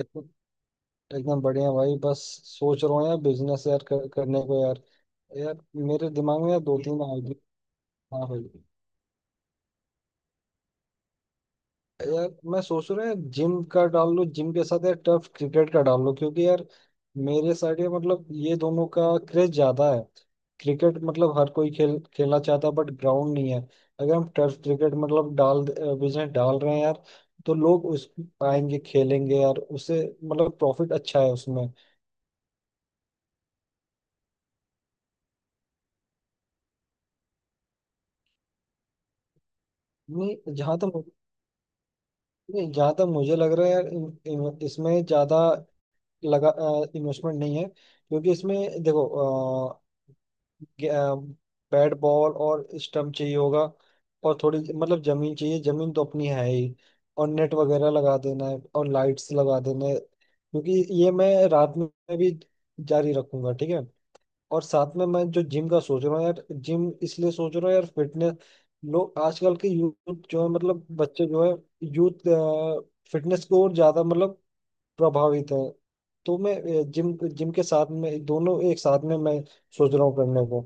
एकदम एकदम बढ़िया भाई। बस सोच रहा हूँ यार बिजनेस यार करने को यार। यार मेरे दिमाग में यार दो तीन आइडिया। हाँ भाई। यार मैं सोच रहा हूँ यार जिम का डाल लूँ, जिम के साथ यार टर्फ क्रिकेट का डाल लूँ क्योंकि यार मेरे साइड ये मतलब ये दोनों का क्रेज ज्यादा है। क्रिकेट मतलब हर कोई खेल खेलना चाहता है बट ग्राउंड नहीं है। अगर हम टर्फ क्रिकेट मतलब डाल बिजनेस डाल रहे हैं यार तो लोग उस आएंगे खेलेंगे यार उससे मतलब प्रॉफिट अच्छा है उसमें। नहीं जहाँ तक, नहीं जहाँ तक मुझे लग रहा है यार इसमें ज़्यादा लगा इन्वेस्टमेंट नहीं है क्योंकि इसमें देखो अ, गे- अ, बैट बॉल और स्टम्प चाहिए होगा। और थोड़ी मतलब ज़मीन चाहिए, ज़मीन तो अपनी है ही। और नेट वगैरह लगा देना है और लाइट्स लगा देना है क्योंकि ये मैं रात में भी जारी रखूंगा, ठीक है। और साथ में मैं जो जिम का सोच रहा हूँ यार, जिम इसलिए सोच रहा हूँ यार फिटनेस, लोग आजकल के यूथ जो है मतलब बच्चे जो है, यूथ फिटनेस को और ज्यादा मतलब प्रभावित है। तो मैं जिम जिम के साथ में दोनों एक साथ में मैं सोच रहा हूँ करने को।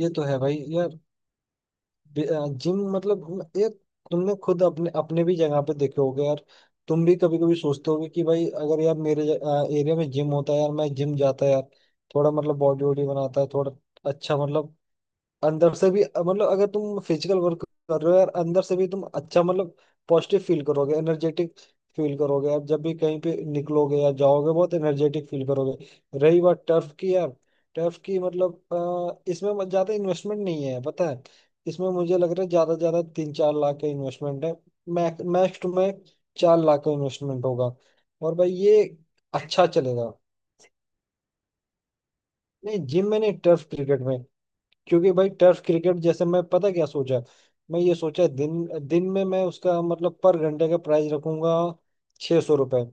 ये तो है भाई यार। जिम मतलब एक, तुमने खुद अपने अपने भी जगह पे देखे होगे यार। तुम भी कभी कभी सोचते होगे कि भाई अगर यार मेरे एरिया में जिम होता है यार, मैं जिम जाता है यार, थोड़ा मतलब बॉडी वॉडी बनाता है, थोड़ा अच्छा मतलब अंदर से भी मतलब अगर तुम फिजिकल वर्क कर रहे हो यार, अंदर से भी तुम अच्छा मतलब पॉजिटिव फील करोगे, एनर्जेटिक फील करोगे यार, जब भी कहीं पे निकलोगे या जाओगे बहुत एनर्जेटिक फील करोगे। रही बात टर्फ की यार, टर्फ की मतलब इसमें ज्यादा इन्वेस्टमेंट नहीं है, पता है। इसमें मुझे लग रहा है ज्यादा से ज्यादा 3 4 लाख का इन्वेस्टमेंट है, मैक्स मैक्स में 4 लाख का इन्वेस्टमेंट होगा। और भाई ये अच्छा चलेगा। नहीं जिम में नहीं, टर्फ क्रिकेट में। क्योंकि भाई टर्फ क्रिकेट जैसे, मैं पता क्या सोचा, मैं ये सोचा दिन दिन में मैं उसका मतलब पर घंटे का प्राइस रखूंगा 600 रुपये,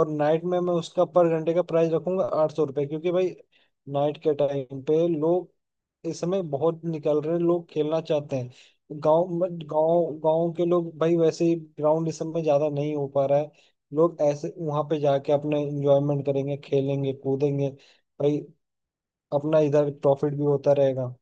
और नाइट में मैं उसका पर घंटे का प्राइस रखूंगा 800 रुपये क्योंकि भाई नाइट के टाइम पे लोग इस समय बहुत निकल रहे हैं, लोग खेलना चाहते हैं। गांव गांव गांव के लोग भाई, वैसे ही ग्राउंड इस समय ज्यादा नहीं हो पा रहा है, लोग ऐसे वहां पे जाके अपने एंजॉयमेंट करेंगे, खेलेंगे कूदेंगे भाई, अपना इधर प्रॉफिट भी होता रहेगा।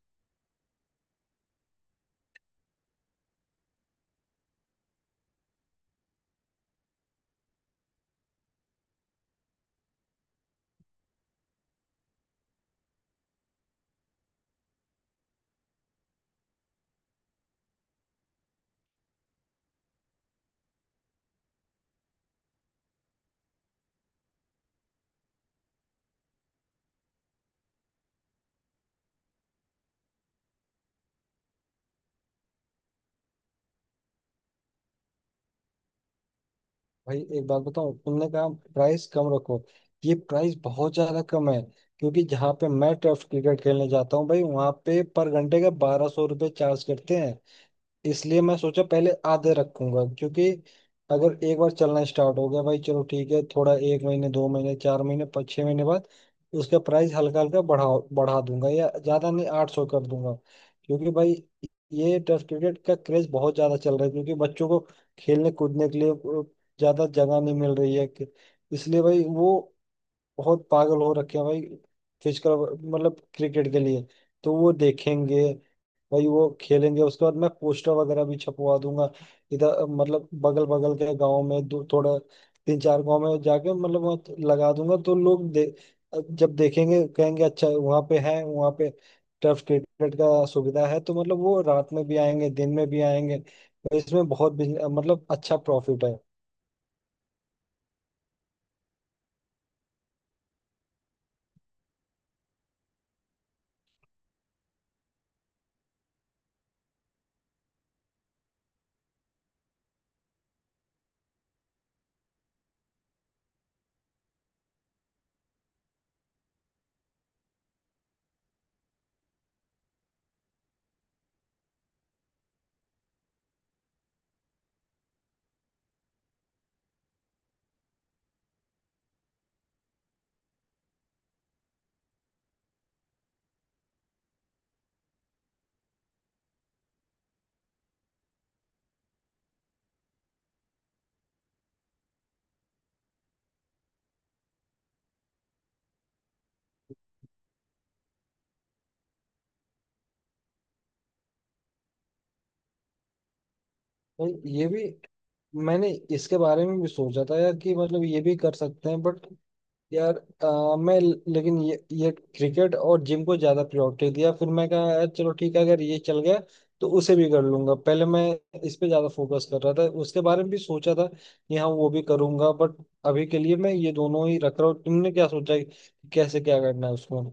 भाई एक बात बताऊं, तुमने कहा प्राइस कम रखो, ये प्राइस बहुत ज्यादा कम है क्योंकि जहाँ पे मैं टर्फ क्रिकेट खेलने जाता हूँ भाई वहाँ पे पर घंटे का 1200 रुपये चार्ज करते हैं। इसलिए मैं सोचा पहले आधे रखूंगा, क्योंकि अगर एक बार चलना स्टार्ट हो गया भाई चलो ठीक है, थोड़ा 1 महीने 2 महीने 4 महीने 5 6 महीने बाद उसका प्राइस हल्का हल्का बढ़ा बढ़ा दूंगा, या ज्यादा नहीं, 800 कर दूंगा। क्योंकि भाई ये टेस्ट क्रिकेट का क्रेज बहुत ज्यादा चल रहा है क्योंकि बच्चों को खेलने कूदने के लिए ज्यादा जगह नहीं मिल रही है इसलिए भाई वो बहुत पागल हो रखे हैं भाई, फिजिकल मतलब क्रिकेट के लिए। तो वो देखेंगे भाई वो खेलेंगे, उसके बाद मैं पोस्टर वगैरह भी छपवा दूंगा इधर मतलब बगल बगल के गांव में, दो थोड़ा तीन चार गांव में जाके मतलब वहाँ लगा दूंगा तो लोग जब देखेंगे कहेंगे अच्छा वहाँ पे है, वहाँ पे टर्फ क्रिकेट का सुविधा है तो मतलब वो रात में भी आएंगे दिन में भी आएंगे। और इसमें बहुत मतलब अच्छा प्रॉफिट है। भाई ये भी मैंने इसके बारे में भी सोचा था यार, कि मतलब ये भी कर सकते हैं बट यार मैं, लेकिन ये क्रिकेट और जिम को ज्यादा प्रायोरिटी दिया, फिर मैं कहा यार चलो ठीक है अगर ये चल गया तो उसे भी कर लूंगा, पहले मैं इस पे ज्यादा फोकस कर रहा था, उसके बारे में भी सोचा था कि हाँ वो भी करूंगा बट अभी के लिए मैं ये दोनों ही रख रहा हूँ। तुमने क्या सोचा है कि कैसे क्या करना है उसमें।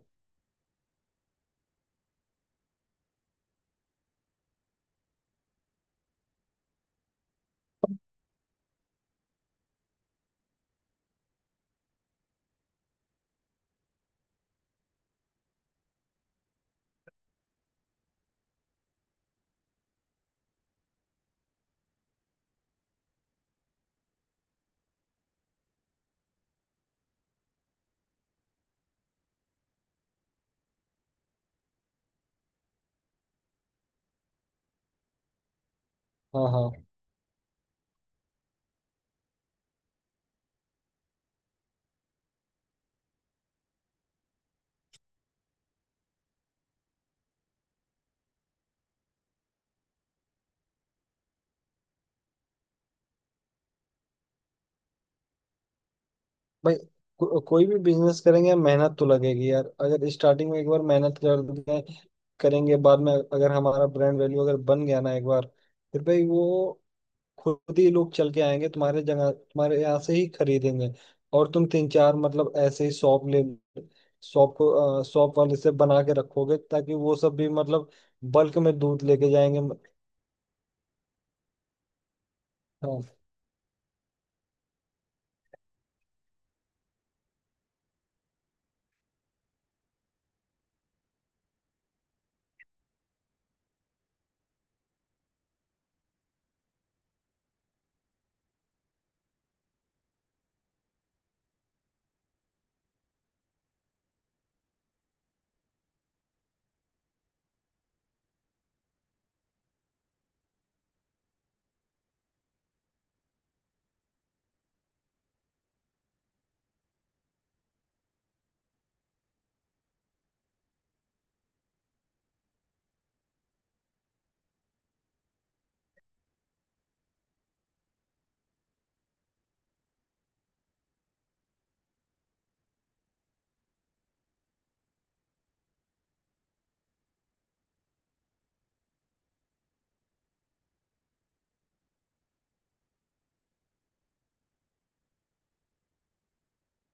हाँ हाँ भाई, कोई भी बिजनेस करेंगे मेहनत तो लगेगी यार, अगर स्टार्टिंग में एक बार मेहनत कर दें करेंगे बाद में, अगर हमारा ब्रांड वैल्यू अगर बन गया ना एक बार, फिर भाई वो खुद ही लोग चल के आएंगे तुम्हारे जगह, तुम्हारे यहाँ से ही खरीदेंगे। और तुम तीन चार मतलब ऐसे ही शॉप को शॉप वाले से बना के रखोगे ताकि वो सब भी मतलब बल्क में दूध लेके जाएंगे। हाँ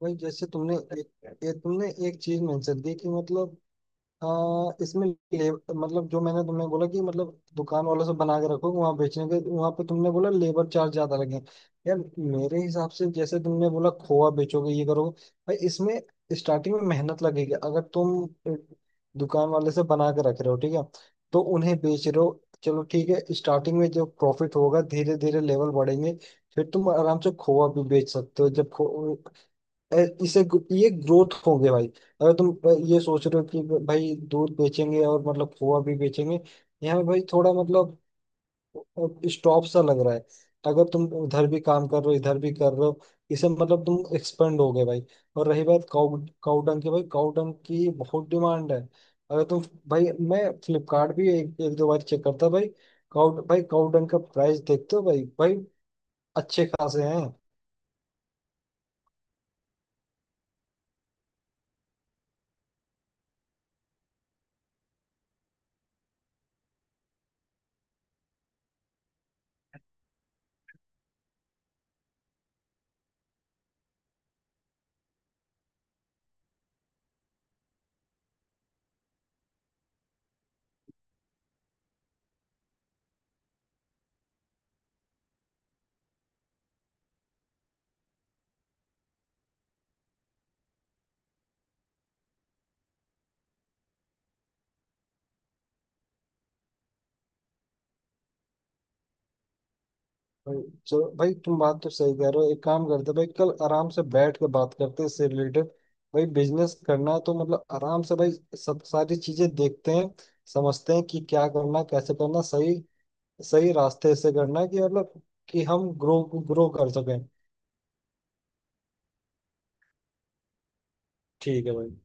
भाई, जैसे तुमने एक चीज मेंशन की कि मतलब हाँ, इसमें मतलब जो मैंने तुम्हें बोला कि मतलब दुकान वालों से बना के रखो वहां बेचने के, वहां पे तुमने बोला लेबर चार्ज ज्यादा लगे, यार मेरे हिसाब से जैसे तुमने बोला खोआ बेचोगे ये करोगे, भाई इसमें स्टार्टिंग में मेहनत लगेगी, अगर तुम दुकान वाले से बना के रख रहे हो ठीक है तो उन्हें बेच रहे हो, चलो ठीक है स्टार्टिंग में जो प्रॉफिट होगा धीरे धीरे लेवल बढ़ेंगे, फिर तुम आराम से खोआ भी बेच सकते हो जब अ, इसे ये ग्रोथ हो गया भाई। अगर तुम ये सोच रहे हो कि भाई दूध बेचेंगे और मतलब खोआ भी बेचेंगे, यहाँ पे भाई थोड़ा मतलब स्टॉप सा लग रहा है, अगर तुम उधर भी काम कर रहे हो इधर भी कर रहे हो इसे मतलब तुम एक्सपेंड हो गए भाई। और रही बात काउ काउ डंग की, भाई काउ डंग की बहुत डिमांड है, अगर तुम भाई मैं फ्लिपकार्ट भी एक दो बार चेक करता भाई, काउ भाई काउ डंग का प्राइस देखते हो भाई, भाई अच्छे खासे हैं। भाई चलो भाई तुम बात तो सही कह रहे हो, एक काम करते भाई कल आराम से बैठ के बात करते हैं इससे रिलेटेड, भाई बिजनेस करना है तो मतलब आराम से भाई सब सारी चीजें देखते हैं, समझते हैं कि क्या करना कैसे करना, सही सही रास्ते से करना है कि मतलब कि हम ग्रो ग्रो कर सकें। ठीक है भाई।